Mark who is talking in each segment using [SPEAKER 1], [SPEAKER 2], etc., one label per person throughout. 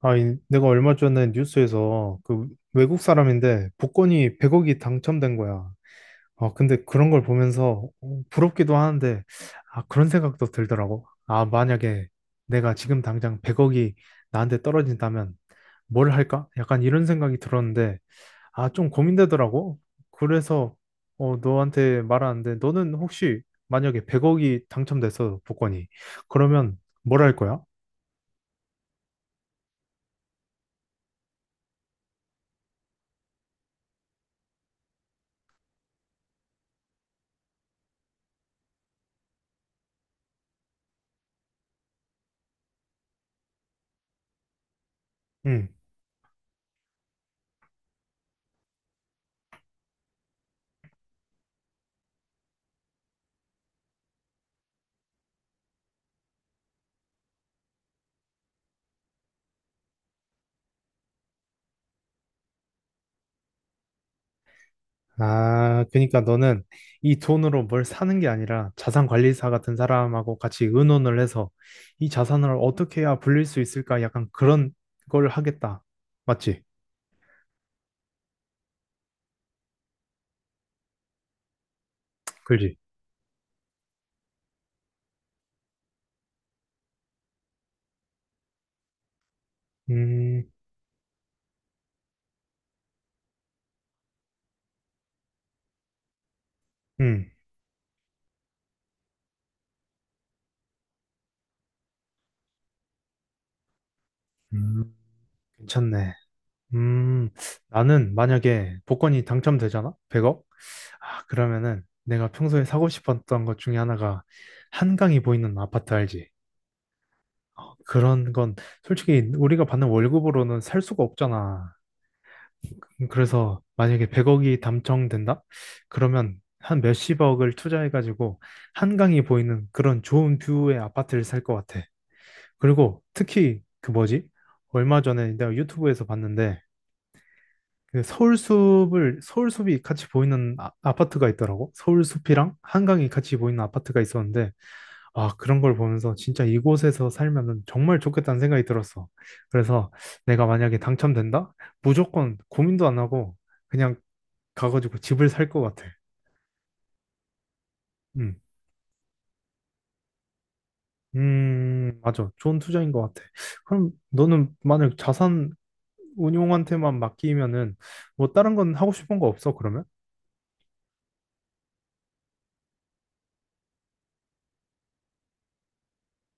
[SPEAKER 1] 아, 내가 얼마 전에 뉴스에서 그 외국 사람인데 복권이 100억이 당첨된 거야. 아, 근데 그런 걸 보면서 어, 부럽기도 하는데, 아, 그런 생각도 들더라고. 아, 만약에 내가 지금 당장 100억이 나한테 떨어진다면 뭘 할까? 약간 이런 생각이 들었는데, 아, 좀 고민되더라고. 그래서 어, 너한테 말하는데, 너는 혹시 만약에 100억이 당첨됐어, 복권이. 그러면 뭘 할 거야? 응. 아, 그러니까 너는 이 돈으로 뭘 사는 게 아니라 자산 관리사 같은 사람하고 같이 의논을 해서 이 자산을 어떻게 해야 불릴 수 있을까? 약간 그런 걸 하겠다. 맞지? 그지? 음, 음, 음, 괜찮네. 음, 나는 만약에 복권이 당첨되잖아? 100억? 아, 그러면은 내가 평소에 사고 싶었던 것 중에 하나가 한강이 보이는 아파트 알지? 그런 건 솔직히 우리가 받는 월급으로는 살 수가 없잖아. 그래서 만약에 100억이 당첨된다? 그러면 한 몇십억을 투자해가지고 한강이 보이는 그런 좋은 뷰의 아파트를 살 것 같아. 그리고 특히 그 뭐지? 얼마 전에 내가 유튜브에서 봤는데 그 서울숲을 서울숲이 같이 보이는 아파트가 있더라고. 서울숲이랑 한강이 같이 보이는 아파트가 있었는데 아, 그런 걸 보면서 진짜 이곳에서 살면은 정말 좋겠다는 생각이 들었어. 그래서 내가 만약에 당첨된다? 무조건 고민도 안 하고 그냥 가가지고 집을 살 것 같아. 음, 맞아. 좋은 투자인 것 같아. 그럼 너는 만약 자산 운용한테만 맡기면은 뭐 다른 건 하고 싶은 거 없어, 그러면?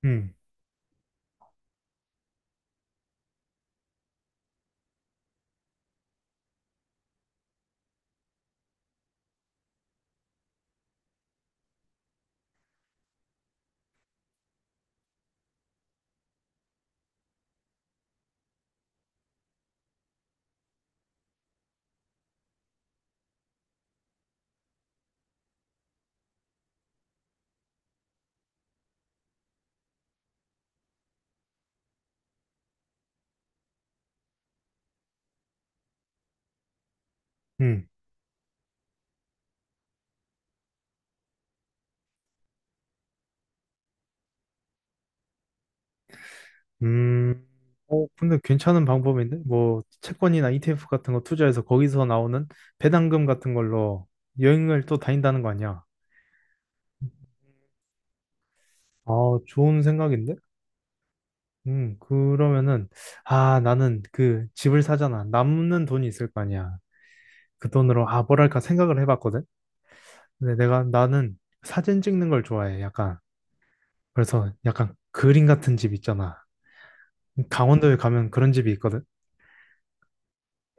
[SPEAKER 1] 음, 음, 음. 어, 근데 괜찮은 방법인데? 뭐 채권이나 ETF 같은 거 투자해서 거기서 나오는 배당금 같은 걸로 여행을 또 다닌다는 거 아니야? 아, 좋은 생각인데? 그러면은, 아, 나는 그 집을 사잖아. 남는 돈이 있을 거 아니야. 그 돈으로, 아, 뭐랄까 생각을 해봤거든? 근데 내가 나는 사진 찍는 걸 좋아해. 약간 그래서 약간 그림 같은 집 있잖아. 강원도에 가면 그런 집이 있거든.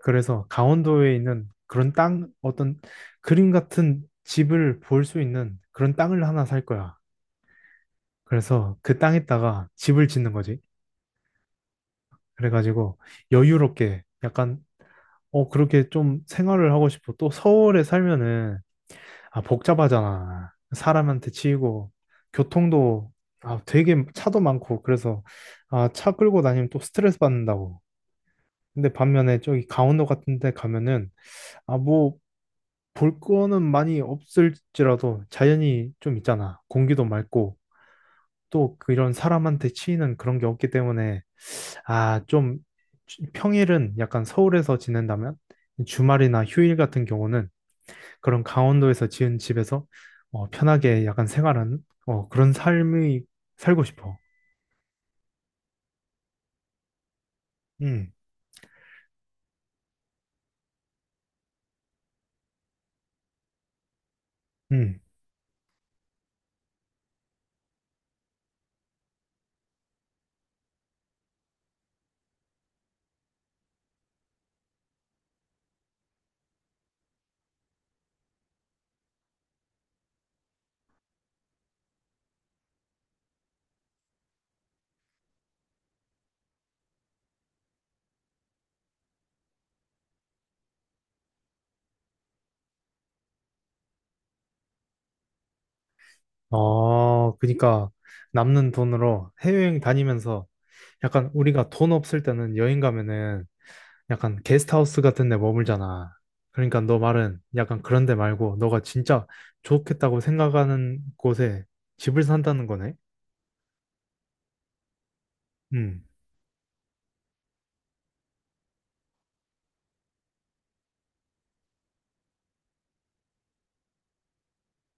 [SPEAKER 1] 그래서 강원도에 있는 그런 땅 어떤 그림 같은 집을 볼 수 있는 그런 땅을 하나 살 거야. 그래서 그 땅에다가 집을 짓는 거지. 그래가지고 여유롭게 약간 어, 그렇게 좀 생활을 하고 싶어. 또 서울에 살면은 아, 복잡하잖아. 사람한테 치이고, 교통도, 아, 되게 차도 많고, 그래서, 아, 차 끌고 다니면 또 스트레스 받는다고. 근데 반면에 저기 강원도 같은 데 가면은, 아, 뭐, 볼 거는 많이 없을지라도 자연이 좀 있잖아. 공기도 맑고, 또 그런 사람한테 치이는 그런 게 없기 때문에, 아, 좀, 평일은 약간 서울에서 지낸다면, 주말이나 휴일 같은 경우는 그런 강원도에서 지은 집에서 어, 편하게 약간 생활하는 어, 그런 삶이 살고 싶어. 응, 응. 어, 그러니까 남는 돈으로 해외여행 다니면서 약간 우리가 돈 없을 때는 여행 가면은 약간 게스트하우스 같은 데 머물잖아. 그러니까 너 말은 약간 그런 데 말고 너가 진짜 좋겠다고 생각하는 곳에 집을 산다는 거네. 응,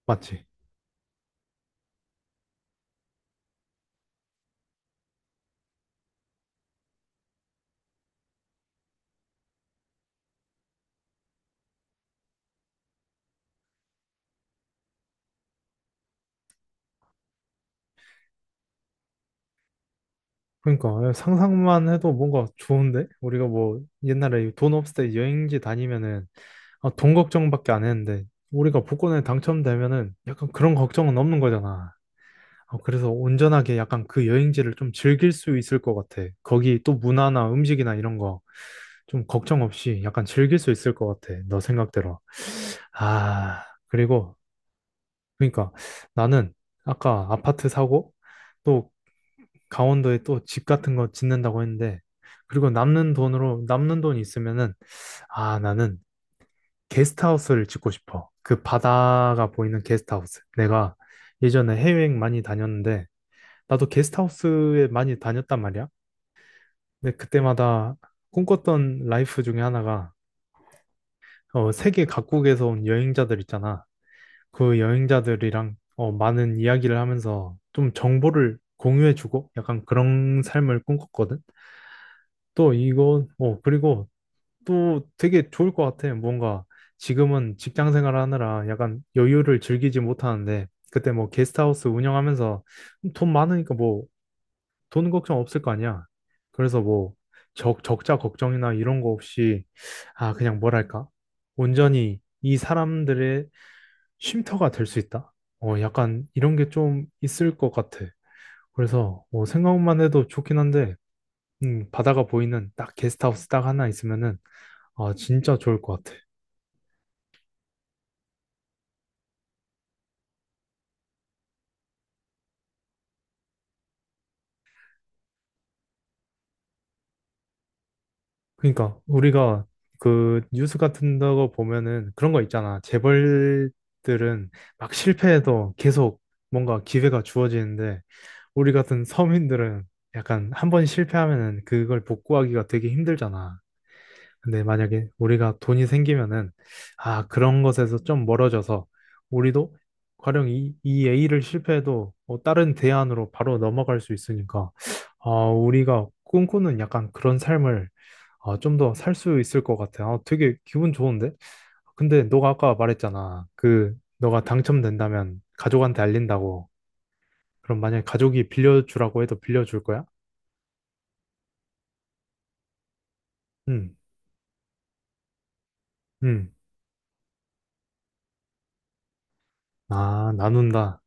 [SPEAKER 1] 맞지? 그러니까 예, 상상만 해도 뭔가 좋은데? 우리가 뭐 옛날에 돈 없을 때 여행지 다니면은 아, 돈 걱정밖에 안 했는데 우리가 복권에 당첨되면은 약간 그런 걱정은 없는 거잖아. 아, 그래서 온전하게 약간 그 여행지를 좀 즐길 수 있을 것 같아. 거기 또 문화나 음식이나 이런 거 좀 걱정 없이 약간 즐길 수 있을 것 같아. 너 생각대로. 아, 그리고 그러니까 나는 아까 아파트 사고 또 강원도에 또 집 같은 거 짓는다고 했는데, 그리고 남는 돈으로, 남는 돈이 있으면은, 아, 나는 게스트하우스를 짓고 싶어. 그 바다가 보이는 게스트하우스. 내가 예전에 해외여행 많이 다녔는데, 나도 게스트하우스에 많이 다녔단 말이야. 근데 그때마다 꿈꿨던 라이프 중에 하나가, 어, 세계 각국에서 온 여행자들 있잖아. 그 여행자들이랑, 어, 많은 이야기를 하면서 좀 정보를 공유해주고, 약간 그런 삶을 꿈꿨거든. 또 이거, 어, 그리고 또 되게 좋을 것 같아. 뭔가 지금은 직장 생활하느라 약간 여유를 즐기지 못하는데 그때 뭐 게스트하우스 운영하면서 돈 많으니까 뭐 돈 걱정 없을 거 아니야. 그래서 뭐 적자 걱정이나 이런 거 없이 아, 그냥 뭐랄까 온전히 이 사람들의 쉼터가 될 수 있다. 어, 약간 이런 게 좀 있을 것 같아. 그래서 뭐 생각만 해도 좋긴 한데 바다가 보이는 딱 게스트하우스 딱 하나 있으면은 아, 진짜 좋을 것 같아. 그러니까 우리가 그 뉴스 같은 거 보면은 그런 거 있잖아. 재벌들은 막 실패해도 계속 뭔가 기회가 주어지는데 우리 같은 서민들은 약간 한 번 실패하면은 그걸 복구하기가 되게 힘들잖아. 근데 만약에 우리가 돈이 생기면은 아, 그런 것에서 좀 멀어져서 우리도 가령 이 A를 실패해도 어, 다른 대안으로 바로 넘어갈 수 있으니까 아, 우리가 꿈꾸는 약간 그런 삶을 아, 좀 더 살 수 있을 것 같아. 아, 되게 기분 좋은데? 근데 너가 아까 말했잖아. 그, 너가 당첨된다면 가족한테 알린다고. 그럼 만약에 가족이 빌려주라고 해도 빌려줄 거야? 응, 응. 아, 나눈다.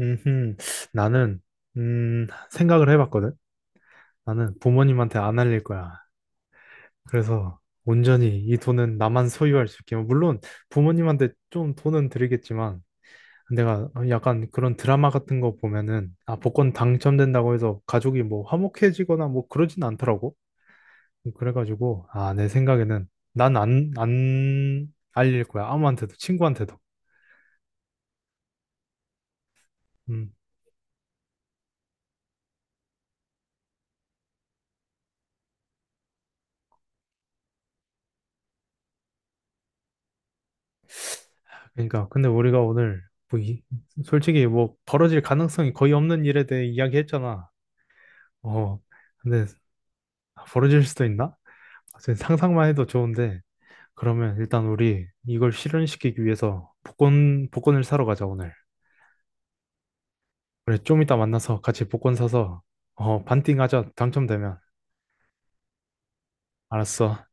[SPEAKER 1] 음, 나는, 생각을 해봤거든? 나는 부모님한테 안 알릴 거야. 그래서 온전히 이 돈은 나만 소유할 수 있게. 물론 부모님한테 좀 돈은 드리겠지만, 내가 약간 그런 드라마 같은 거 보면은 아, 복권 당첨된다고 해서 가족이 뭐 화목해지거나 뭐 그러진 않더라고. 그래가지고 아, 내 생각에는 난 안 알릴 거야, 아무한테도 친구한테도. 음, 그러니까 근데 우리가 오늘 뭐 솔직히 뭐 벌어질 가능성이 거의 없는 일에 대해 이야기했잖아. 어, 근데 벌어질 수도 있나? 사실 상상만 해도 좋은데 그러면 일단 우리 이걸 실현시키기 위해서 복권을 사러 가자 오늘. 그래, 좀 이따 만나서 같이 복권 사서, 어, 반띵하자. 당첨되면. 알았어.